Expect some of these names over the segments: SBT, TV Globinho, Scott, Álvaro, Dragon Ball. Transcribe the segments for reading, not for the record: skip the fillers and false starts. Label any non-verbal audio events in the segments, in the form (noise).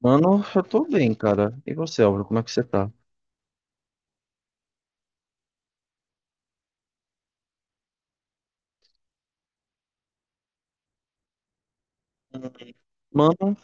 Mano, eu tô bem, cara. E você, Álvaro, como é que você tá? Mano,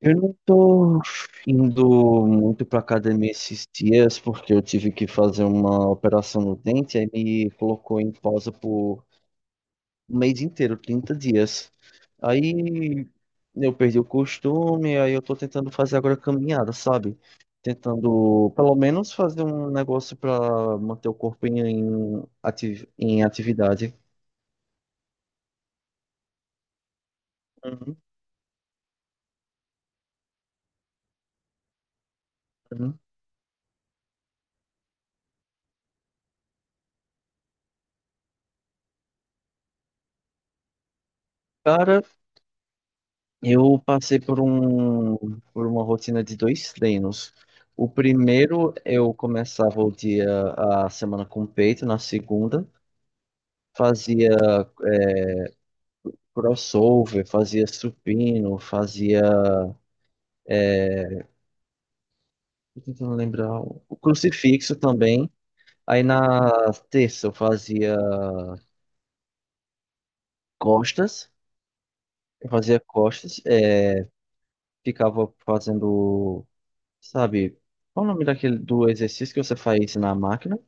eu não tô indo muito pra academia esses dias porque eu tive que fazer uma operação no dente, aí me colocou em pausa por um mês inteiro, 30 dias. Aí eu perdi o costume, aí eu tô tentando fazer agora caminhada, sabe? Tentando pelo menos fazer um negócio pra manter o corpo em atividade. Uhum, uhum. Cara, eu passei por uma rotina de dois treinos. O primeiro, eu começava o dia, a semana com peito, na segunda, fazia crossover, fazia supino, fazia, tô tentando lembrar, o crucifixo também. Aí na terça costas, eu fazia costas, é, ficava fazendo, sabe, qual o nome daquele, do exercício que você faz na máquina?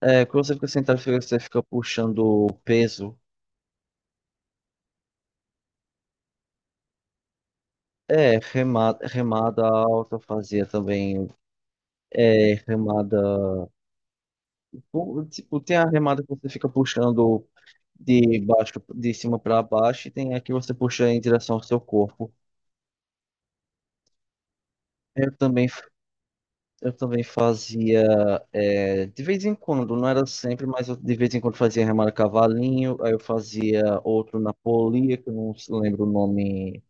É, quando você fica sentado, você fica puxando o peso. É, remada, remada alta eu fazia também. É, remada. Tipo, tem a remada que você fica puxando de baixo, de cima para baixo, e tem a que você puxa em direção ao seu corpo. Eu também, f- eu também fazia, é, de vez em quando, não era sempre, mas eu de vez em quando fazia remada cavalinho, aí eu fazia outro na polia, que eu não se lembro o nome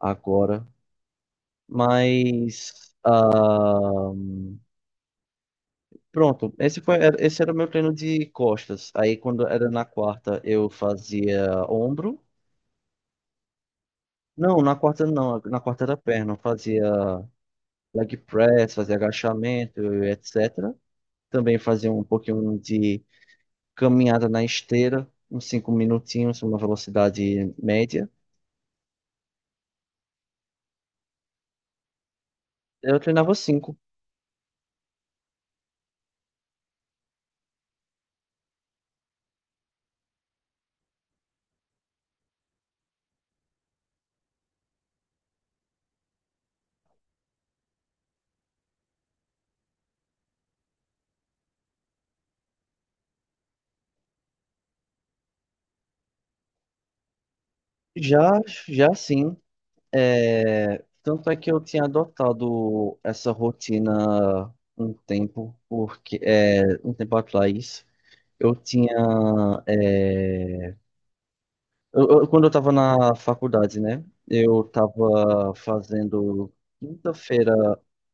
agora, mas. Pronto, esse era o meu treino de costas. Aí quando era na quarta eu fazia ombro. Não, na quarta não, na quarta era perna. Eu fazia leg press, fazia agachamento, etc. Também fazia um pouquinho de caminhada na esteira, uns 5 minutinhos, uma velocidade média. Eu treinava cinco. Já, já sim. É, tanto é que eu tinha adotado essa rotina um tempo, porque é, um tempo atrás eu tinha é, quando eu estava na faculdade, né? Eu estava fazendo quinta-feira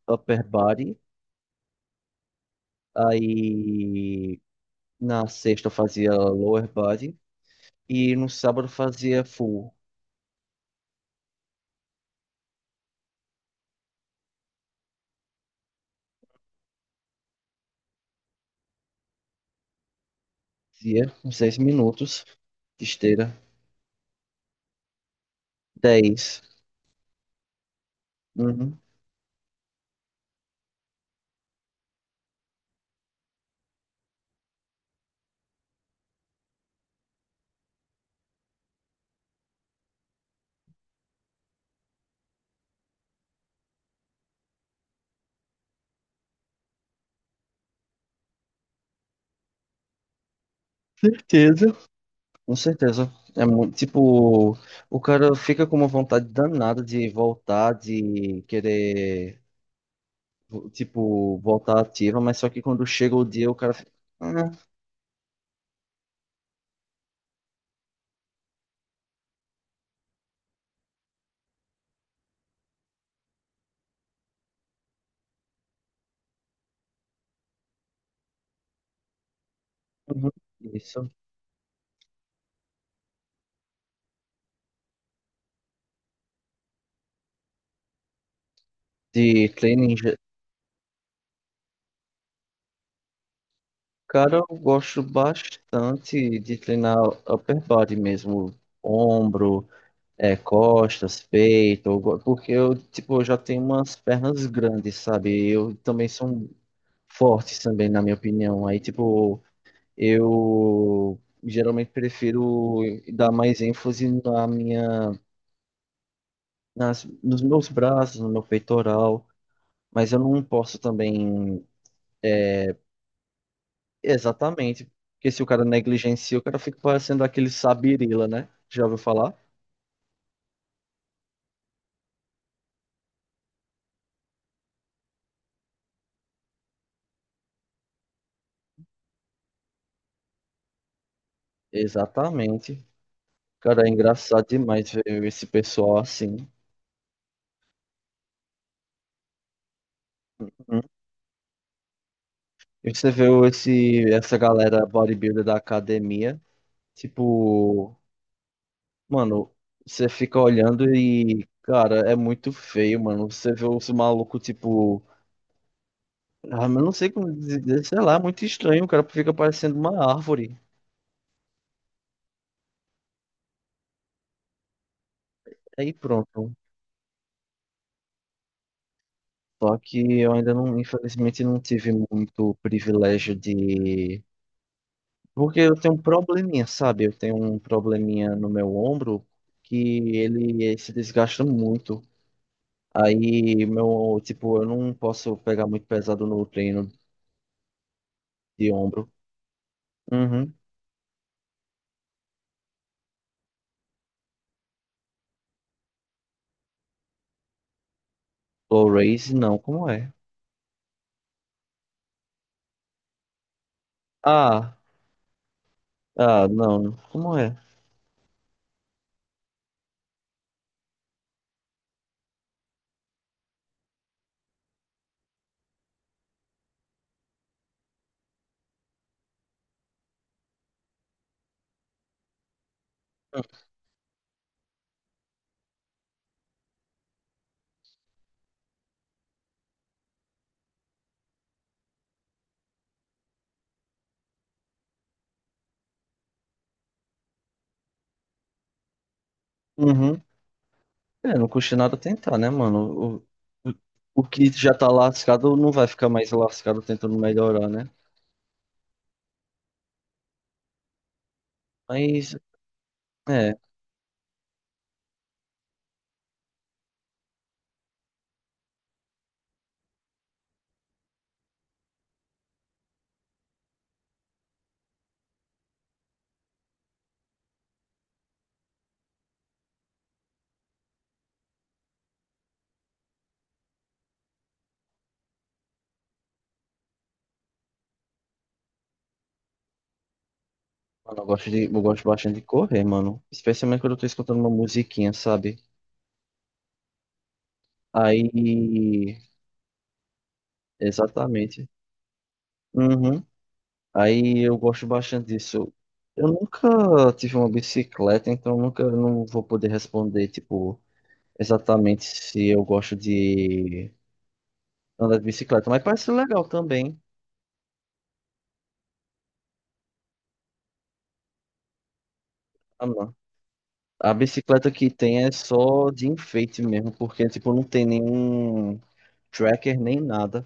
upper body, aí na sexta eu fazia lower body e no sábado eu fazia full, dia, uns 10 minutos de esteira, dez. Uhum. (laughs) Com certeza. É muito, tipo, o cara fica com uma vontade danada de voltar, de querer, tipo, voltar ativa, mas só que quando chega o dia, o cara fica, ah. Uhum, isso. De treino, cara, eu gosto bastante de treinar upper body mesmo, ombro, é, costas, peito, porque eu, tipo, eu já tenho umas pernas grandes, sabe? Eu também sou fortes também, na minha opinião. Aí, tipo, eu geralmente prefiro dar mais ênfase na minha, nas, nos meus braços, no meu peitoral, mas eu não posso também exatamente, porque se o cara negligencia, o cara fica parecendo aquele sabirila, né? Já ouviu falar? Exatamente. Cara, é engraçado demais ver esse pessoal assim. Uhum. E você vê esse, essa galera bodybuilder da academia, tipo, mano, você fica olhando e, cara, é muito feio, mano. Você vê os malucos, tipo. Ah, mas não sei como dizer, sei lá, é muito estranho. O cara fica parecendo uma árvore. Aí pronto. Só que eu ainda não, infelizmente, não tive muito privilégio de. Porque eu tenho um probleminha, sabe? Eu tenho um probleminha no meu ombro que ele se desgasta muito. Aí, meu, tipo, eu não posso pegar muito pesado no treino de ombro. Uhum. Blu-rays, não, como é? Ah, ah, não, como é? Uhum. É, não custa nada tentar, né, mano? O, o, o que já tá lascado não vai ficar mais lascado tentando melhorar, né? Mas, é, mano, eu gosto de, eu gosto bastante de correr, mano. Especialmente quando eu tô escutando uma musiquinha, sabe? Aí, exatamente. Uhum. Aí eu gosto bastante disso. Eu nunca tive uma bicicleta, então eu não vou poder responder, tipo, exatamente se eu gosto de andar de bicicleta, mas parece legal também. Ah, não. A bicicleta que tem é só de enfeite mesmo, porque tipo não tem nenhum tracker nem nada.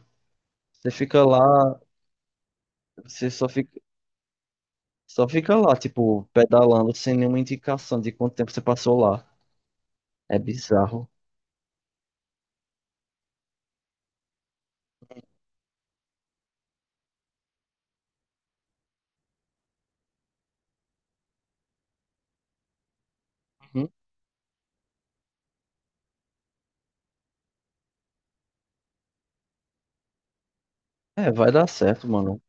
Você fica lá, você só fica lá, tipo, pedalando sem nenhuma indicação de quanto tempo você passou lá. É bizarro. Uhum. É, vai dar certo, mano.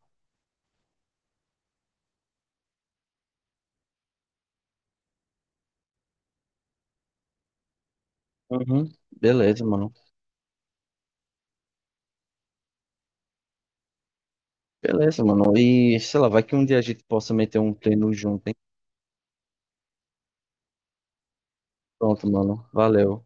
Uhum. Beleza, mano. Beleza, mano. E sei lá, vai que um dia a gente possa meter um treino junto, hein? Pronto, mano. Valeu.